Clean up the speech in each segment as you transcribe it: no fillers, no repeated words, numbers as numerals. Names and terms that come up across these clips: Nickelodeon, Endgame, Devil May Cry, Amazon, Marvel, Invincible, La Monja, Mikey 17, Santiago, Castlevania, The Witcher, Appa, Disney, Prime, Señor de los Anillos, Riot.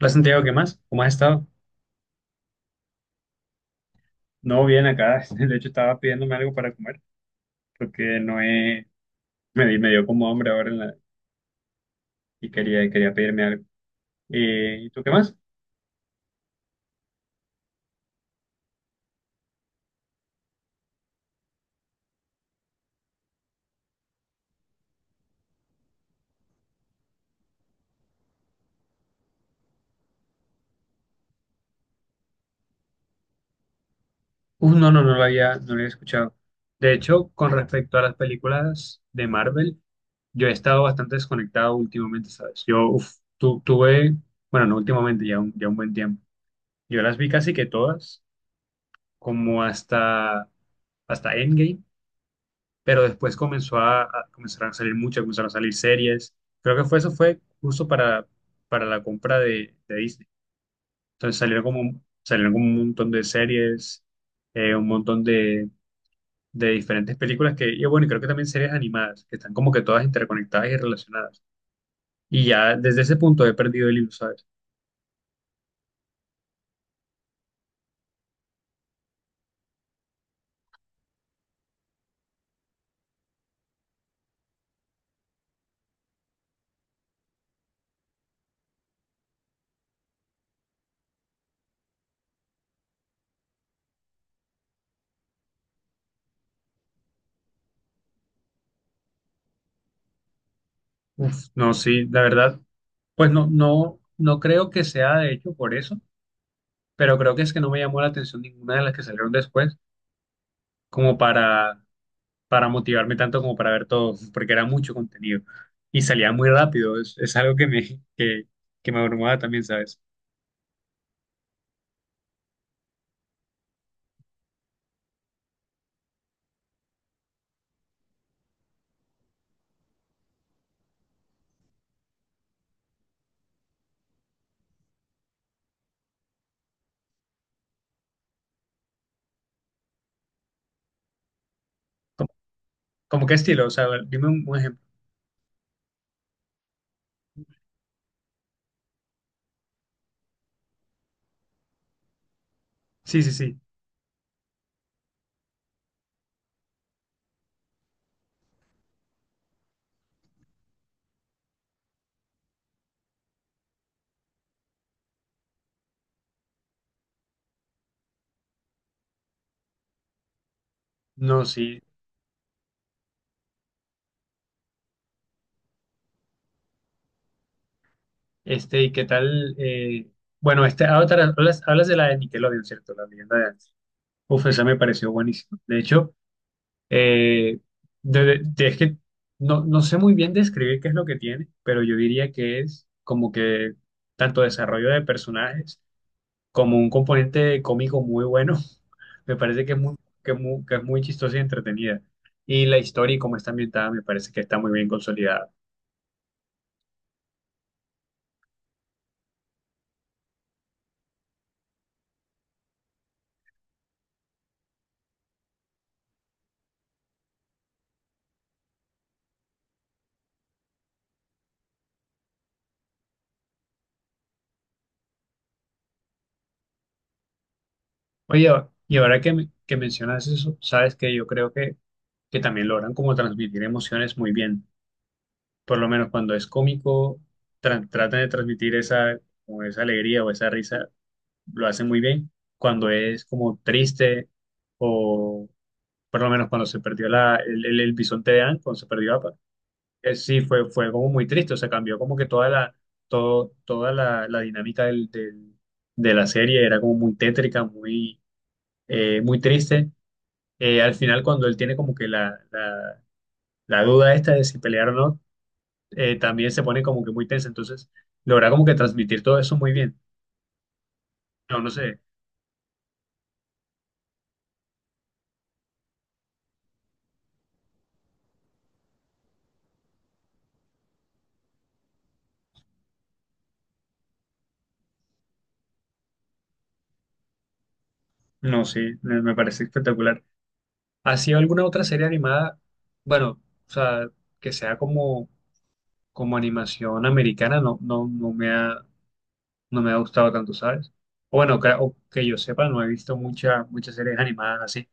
Hola Santiago, ¿qué más? ¿Cómo has estado? No, bien acá. De hecho, estaba pidiéndome algo para comer porque no he... me dio como hambre ahora en la... y quería pedirme algo. ¿Y tú qué más? No lo había, escuchado. De hecho, con respecto a las películas de Marvel, yo he estado bastante desconectado últimamente, ¿sabes? Yo tuve, bueno, no últimamente, ya un buen tiempo. Yo las vi casi que todas, como hasta, hasta Endgame, pero después comenzaron a salir mucho, comenzaron a salir series. Creo que fue eso fue justo para la compra de Disney. Entonces salieron como un montón de series, un montón de diferentes películas y bueno, y creo que también series animadas, que están como que todas interconectadas y relacionadas. Y ya desde ese punto he perdido el hilo, ¿sabes? Uf, no, sí, la verdad, pues no creo que sea de hecho por eso, pero creo que es que no me llamó la atención ninguna de las que salieron después, como para motivarme tanto como para ver todo, porque era mucho contenido y salía muy rápido. Es algo que, que me abrumaba también, ¿sabes? ¿Cómo, cómo qué estilo? O sea, a ver, dime un ejemplo. Sí, sí, sí. No, sí. ¿Y qué tal? Hablas, hablas de la de Nickelodeon, ¿cierto? La leyenda de antes. Uf, esa me pareció buenísima. De hecho, eh, es que no, no sé muy bien describir qué es lo que tiene, pero yo diría que es como que tanto desarrollo de personajes, como un componente cómico muy bueno. Me parece que es muy, que es muy chistosa y entretenida. Y la historia y cómo está ambientada me parece que está muy bien consolidada. Oye, y ahora que, que mencionas eso, sabes que yo creo que también logran como transmitir emociones muy bien. Por lo menos cuando es cómico, tratan de transmitir esa, como esa alegría o esa risa, lo hacen muy bien. Cuando es como triste o por lo menos cuando se perdió el bisonte de Anne, cuando se perdió Appa. Sí, fue como muy triste, o sea, cambió como que todo, la dinámica de la serie era como muy tétrica, muy, muy triste. Al final, cuando él tiene como que la duda esta de si pelear o no, también se pone como que muy tensa, entonces logra como que transmitir todo eso muy bien. No, no sé, no, sí, me parece espectacular. ¿Ha sido alguna otra serie animada? Bueno, o sea, que sea como, como animación americana, no me ha... no me ha gustado tanto, ¿sabes? O bueno, que, o que yo sepa, no he visto muchas series animadas así.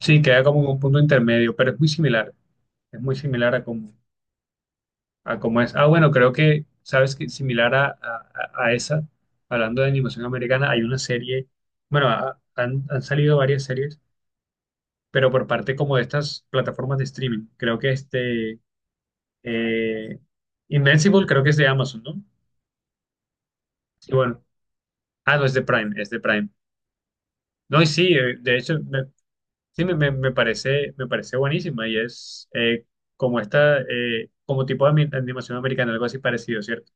Sí, queda como en un punto intermedio, pero es muy similar. Es muy similar a como es. Ah, bueno, creo que, ¿sabes? Que similar a esa, hablando de animación americana, hay una serie, bueno, han salido varias series, pero por parte como de estas plataformas de streaming. Creo que eh, Invincible creo que es de Amazon, ¿no? Y bueno, ah, no, es de Prime, es de Prime. No, y sí, sí, me parece buenísima y es como esta, como tipo de animación americana, algo así parecido, ¿cierto?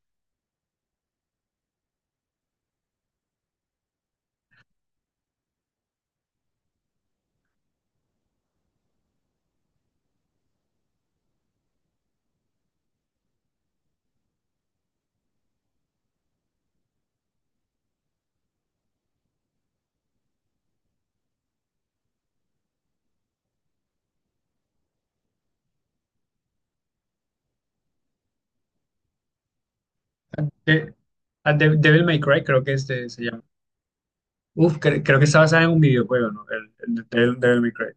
De, Devil May Cry creo que este se llama. Uf, creo que está basada en un videojuego, ¿no? El de Devil May Cry.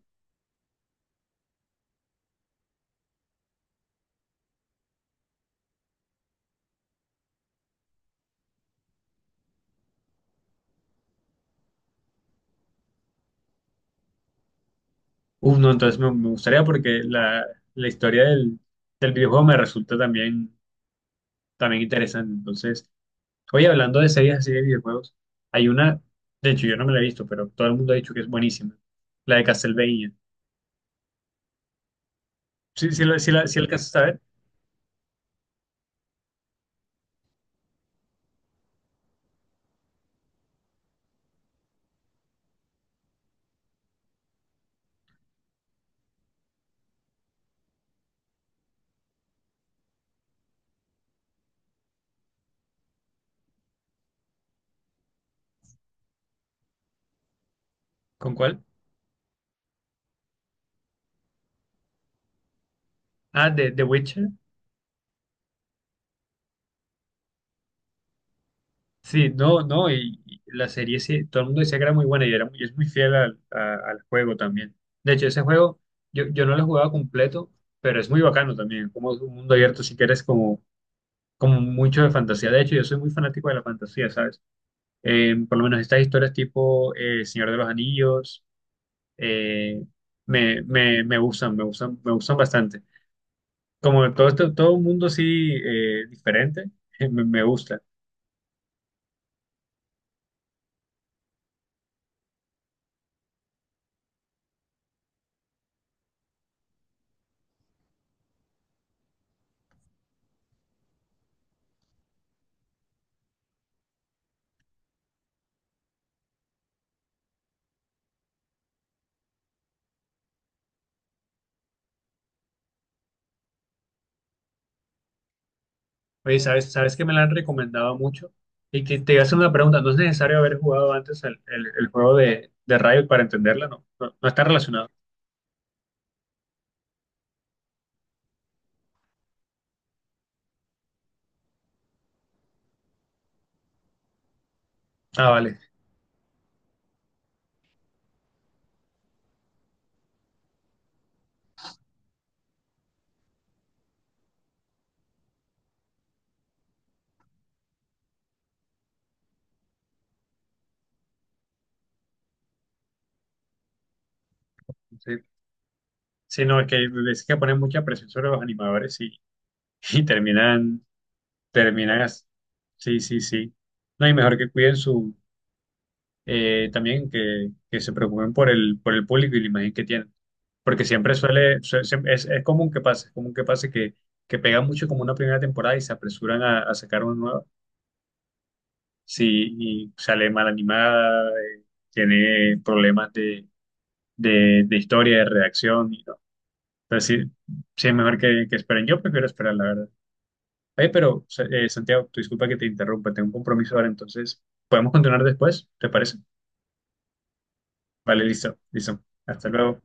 Uf, no, entonces me gustaría porque la historia del videojuego me resulta también, también interesante. Entonces, oye, hablando de series así de videojuegos, hay una, de hecho yo no me la he visto, pero todo el mundo ha dicho que es buenísima, la de Castlevania. Sí, sí, sí, la, sí alcanzaste a ver. ¿Con cuál? Ah, de The Witcher. Sí, no, no, y la serie sí, todo el mundo decía que era muy buena y, era, es muy fiel al, al juego también. De hecho, ese juego yo, yo no lo he jugado completo, pero es muy bacano también, como es un mundo abierto si quieres como, como mucho de fantasía. De hecho, yo soy muy fanático de la fantasía, ¿sabes? Por lo menos estas historias tipo Señor de los Anillos, eh, me, me gustan, me gustan bastante. Como todo, todo un mundo así diferente, me gusta. Oye, ¿sabes, sabes que me la han recomendado mucho? Y te voy a hacer una pregunta, ¿no es necesario haber jugado antes el, el juego de Riot para entenderla? No, no, no está relacionado. Ah, vale. Sí, sí, no, es que ponen mucha presión sobre los animadores y terminan, terminan, as- sí, sí, sí. No, y mejor que cuiden su, también que se preocupen por el público y la imagen que tienen. Porque siempre es común que pase, es común que pase que pegan mucho como una primera temporada y se apresuran a sacar una nueva. Sí, y sale mal animada, tiene problemas de, de historia, de redacción, y no. Entonces, sí, sí es mejor que esperen. Yo prefiero esperar, la verdad. Oye, pero, Santiago, tú disculpa que te interrumpa, tengo un compromiso ahora, entonces, ¿podemos continuar después? ¿Te parece? Vale, listo, listo. Hasta luego.